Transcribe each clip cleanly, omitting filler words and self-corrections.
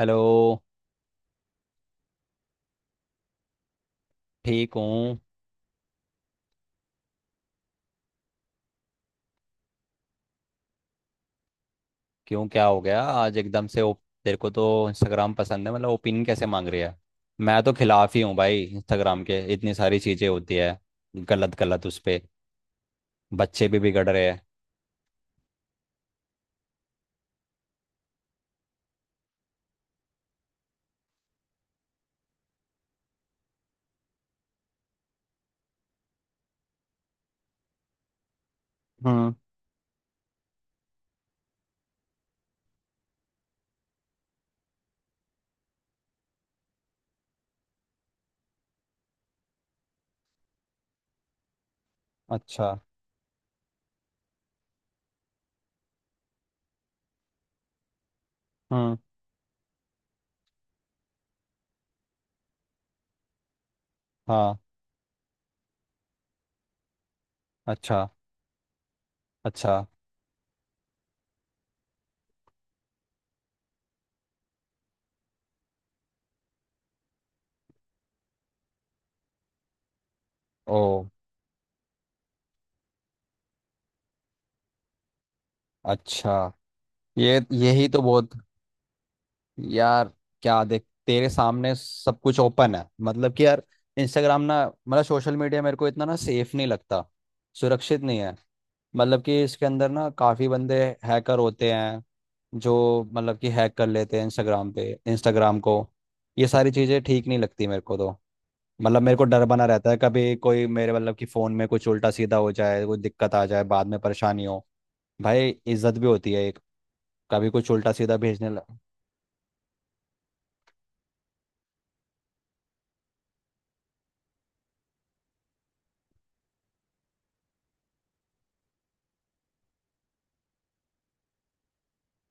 Hello. ठीक हूँ। क्यों, क्या हो गया आज एकदम से? तेरे को तो इंस्टाग्राम पसंद है, मतलब ओपिनियन कैसे मांग रही है? मैं तो खिलाफ ही हूँ भाई इंस्टाग्राम के। इतनी सारी चीज़ें होती है गलत गलत उस पे। बच्चे भी बिगड़ रहे हैं। हम्म। अच्छा। हम्म। हाँ। अच्छा। अच्छा। ओ। अच्छा। ये यही तो बहुत। यार क्या, देख तेरे सामने सब कुछ ओपन है, मतलब कि यार इंस्टाग्राम ना, मतलब सोशल मीडिया मेरे को इतना ना सेफ नहीं लगता। सुरक्षित नहीं है। मतलब कि इसके अंदर ना काफ़ी बंदे हैकर होते हैं जो मतलब कि हैक कर लेते हैं इंस्टाग्राम पे, इंस्टाग्राम को। ये सारी चीज़ें ठीक नहीं लगती मेरे को तो। मतलब मेरे को डर बना रहता है कभी कोई मेरे, मतलब कि फ़ोन में कुछ उल्टा सीधा हो जाए, कोई दिक्कत आ जाए, बाद में परेशानी हो। भाई इज्जत भी होती है एक। कभी कुछ उल्टा सीधा भेजने लग।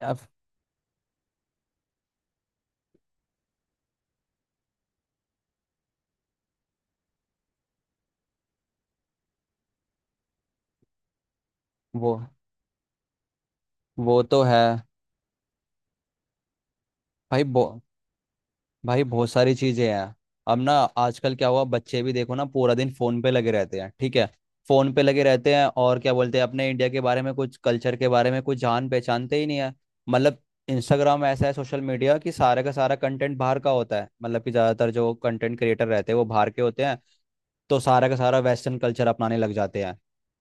अब वो वो तो है। भाई बो भाई बहुत सारी चीजें हैं। अब ना, आजकल क्या हुआ, बच्चे भी देखो ना पूरा दिन फोन पे लगे रहते हैं, ठीक है। फोन पे लगे रहते हैं और क्या बोलते हैं? अपने इंडिया के बारे में कुछ, कल्चर के बारे में कुछ जान पहचानते ही नहीं है। मतलब इंस्टाग्राम ऐसा है सोशल मीडिया कि सारे का सारा कंटेंट बाहर का होता है, मतलब कि ज्यादातर जो कंटेंट क्रिएटर रहते हैं वो बाहर के होते हैं। तो सारा का सारा वेस्टर्न कल्चर अपनाने लग जाते हैं।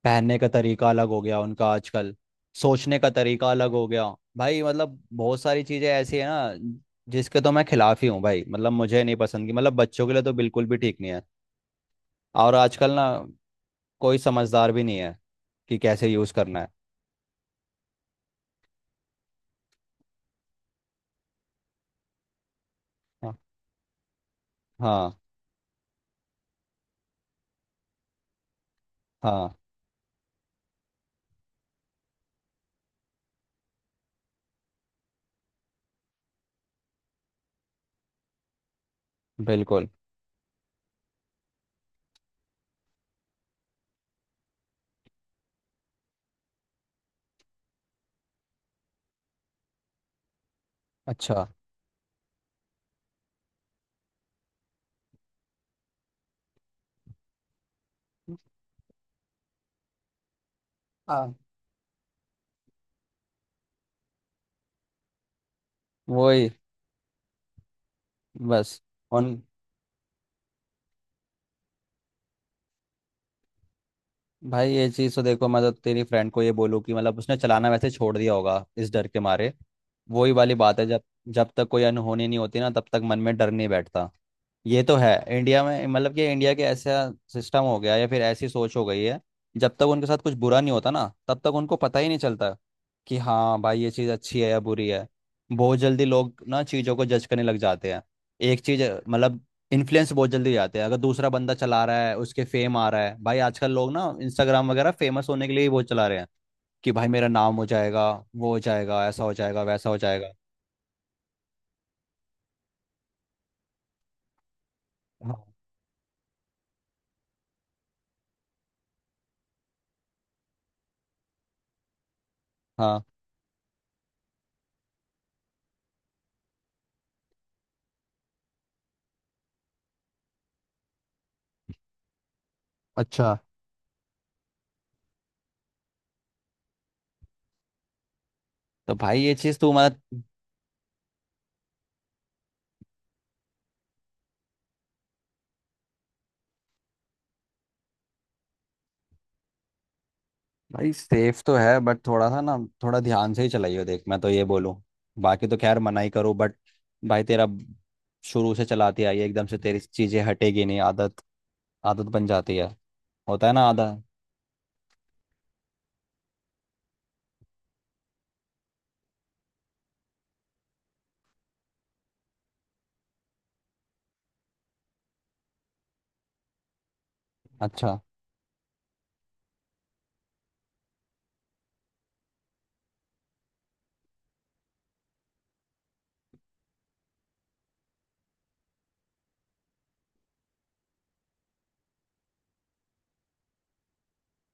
पहनने का तरीका अलग हो गया उनका आजकल। सोचने का तरीका अलग हो गया। भाई मतलब बहुत सारी चीज़ें ऐसी है ना, जिसके तो मैं खिलाफ ही हूँ भाई। मतलब मुझे नहीं पसंद की, मतलब बच्चों के लिए तो बिल्कुल भी ठीक नहीं है। और आजकल ना कोई समझदार भी नहीं है कि कैसे यूज़ करना है। हाँ हाँ हाँ, बिल्कुल। अच्छा। हाँ। वही। बस। उन भाई ये चीज़ तो देखो, मैं तो तेरी फ्रेंड को ये बोलूँ कि मतलब उसने चलाना वैसे छोड़ दिया होगा इस डर के मारे। वही वाली बात है, जब जब तक कोई अनहोनी नहीं होती ना तब तक मन में डर नहीं बैठता। ये तो है इंडिया में, मतलब कि इंडिया के ऐसा सिस्टम हो गया, या फिर ऐसी सोच हो गई है। जब तक उनके साथ कुछ बुरा नहीं होता ना, तब तक उनको पता ही नहीं चलता कि हाँ भाई ये चीज़ अच्छी है या बुरी है। बहुत जल्दी लोग ना चीज़ों को जज करने लग जाते हैं। एक चीज़, मतलब इन्फ्लुएंस बहुत जल्दी हो जाते हैं। अगर दूसरा बंदा चला रहा है उसके फेम आ रहा है, भाई आजकल लोग ना इंस्टाग्राम वगैरह फेमस होने के लिए ही बहुत चला रहे हैं कि भाई मेरा नाम हो जाएगा, वो हो जाएगा, ऐसा हो जाएगा, वैसा हो जाएगा। हाँ। हाँ। अच्छा। तो भाई ये चीज़ तू, मतलब भाई सेफ तो है बट थोड़ा सा ना, थोड़ा ध्यान से ही चलाइयो, देख मैं तो ये बोलूँ। बाकी तो खैर मना ही करो बट भाई तेरा, शुरू से चलाती आई है, एकदम से तेरी चीज़ें हटेगी नहीं, आदत। आदत बन जाती है, होता है ना आदत। अच्छा।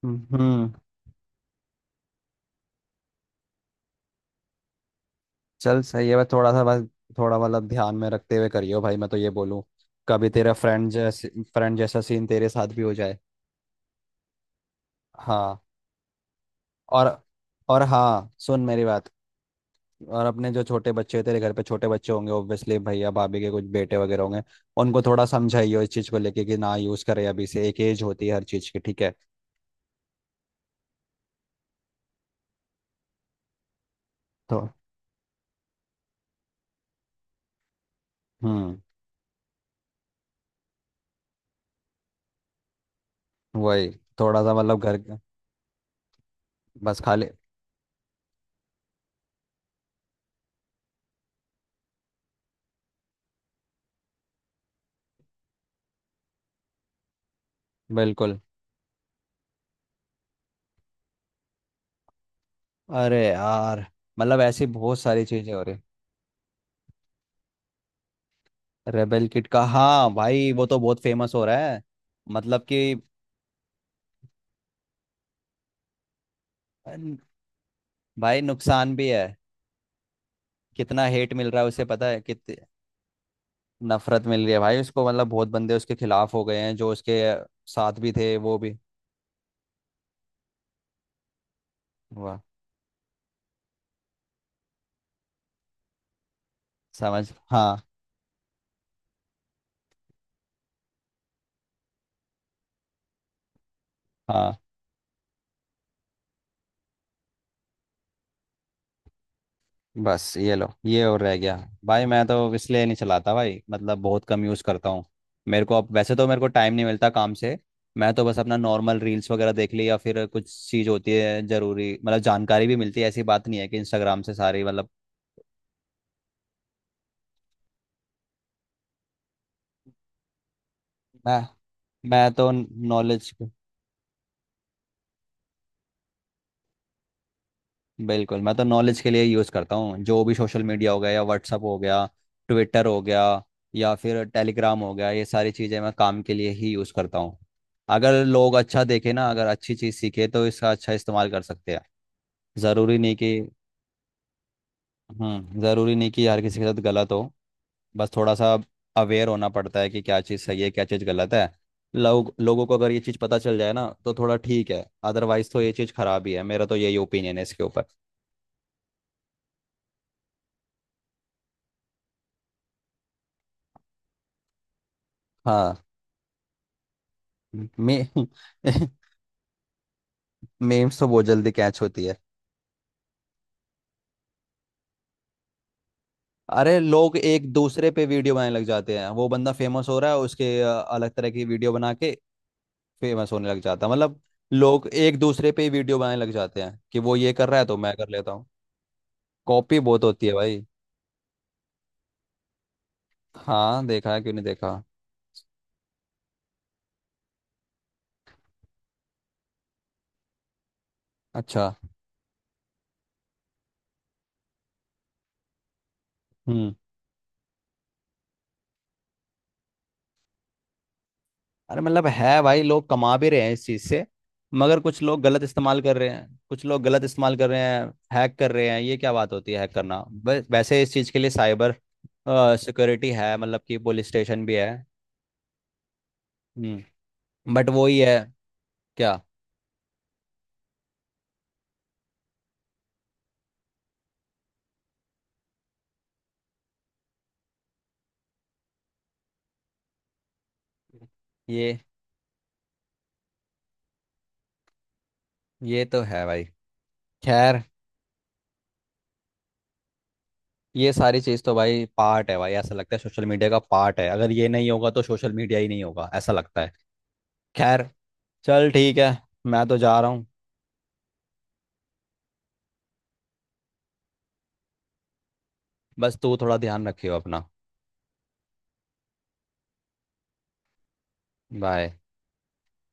हम्म। चल सही है, बस थोड़ा सा, बस थोड़ा मतलब ध्यान में रखते हुए करियो भाई, मैं तो ये बोलूँ। कभी तेरा फ्रेंड जैसे, फ्रेंड जैसा सीन तेरे साथ भी हो जाए। हाँ। और और हाँ, सुन मेरी बात। और अपने जो छोटे बच्चे, तेरे घर पे छोटे बच्चे होंगे ऑब्वियसली, भैया भाभी के कुछ बेटे वगैरह होंगे, उनको थोड़ा समझाइयो इस चीज़ को लेके कि ना यूज़ करे अभी से। एक एज होती है हर चीज़ की, ठीक है। तो हम्म। वही। थोड़ा सा मतलब घर। बस खाली। बिल्कुल। अरे यार, मतलब ऐसी बहुत सारी चीज़ें हो रही। रेबेल किट का, हाँ भाई वो तो बहुत फेमस हो रहा है, मतलब कि। अन- भाई नुकसान भी है। कितना हेट मिल रहा है उसे, पता है? कितनी नफरत मिल रही है भाई उसको। मतलब बहुत बंदे उसके खिलाफ हो गए हैं, जो उसके साथ भी थे वो भी। वाह। समझ। हाँ। हाँ। बस ये लो, ये और रह गया। भाई मैं तो इसलिए नहीं चलाता भाई, मतलब बहुत कम यूज़ करता हूँ। मेरे को अब वैसे तो मेरे को टाइम नहीं मिलता काम से। मैं तो बस अपना नॉर्मल रील्स वगैरह देख ली, या फिर कुछ चीज़ होती है ज़रूरी, मतलब जानकारी भी मिलती है, ऐसी बात नहीं है कि इंस्टाग्राम से सारी, मतलब। मैं मैं तो नॉलेज। बिल्कुल, मैं तो नॉलेज के लिए यूज़ करता हूँ, जो भी सोशल मीडिया हो गया या व्हाट्सअप हो गया, ट्विटर हो गया, या फिर टेलीग्राम हो गया, ये सारी चीज़ें मैं काम के लिए ही यूज़ करता हूँ। अगर लोग अच्छा देखे ना, अगर अच्छी चीज़ सीखे, तो इसका अच्छा इस्तेमाल कर सकते हैं। ज़रूरी नहीं कि। हम्म। ज़रूरी नहीं कि हर किसी के साथ गलत हो। बस थोड़ा सा अवेयर होना पड़ता है कि क्या चीज़ सही है क्या चीज़ गलत है। लोग, लोगों को अगर ये चीज़ पता चल जाए ना तो थोड़ा ठीक है। अदरवाइज़ तो ये चीज़ खराब ही है, मेरा तो यही ओपिनियन है इसके ऊपर। हाँ। मे मीम्स तो बहुत जल्दी कैच होती है। अरे लोग एक दूसरे पे वीडियो बनाने लग जाते हैं। वो बंदा फेमस हो रहा है उसके अलग तरह की वीडियो बना के फेमस होने लग जाता है, मतलब लोग एक दूसरे पे ही वीडियो बनाने लग जाते हैं कि वो ये कर रहा है तो मैं कर लेता हूँ। कॉपी बहुत होती है भाई। हाँ, देखा है, क्यों नहीं देखा। अच्छा। हम्म। अरे मतलब है भाई, लोग कमा भी रहे हैं इस चीज से, मगर कुछ लोग गलत इस्तेमाल कर रहे हैं, कुछ लोग गलत इस्तेमाल कर रहे हैं। हैक कर रहे हैं, ये क्या बात होती है, हैक करना। वैसे इस चीज के लिए साइबर सिक्योरिटी है, मतलब कि पुलिस स्टेशन भी है। हम्म। बट वो ही है। क्या? ये ये तो है भाई, खैर। ये सारी चीज तो भाई पार्ट है भाई, ऐसा लगता है सोशल मीडिया का पार्ट है, अगर ये नहीं होगा तो सोशल मीडिया ही नहीं होगा ऐसा लगता है। खैर, चल ठीक है, मैं तो जा रहा हूँ। बस तू थोड़ा ध्यान रखियो अपना। बाय।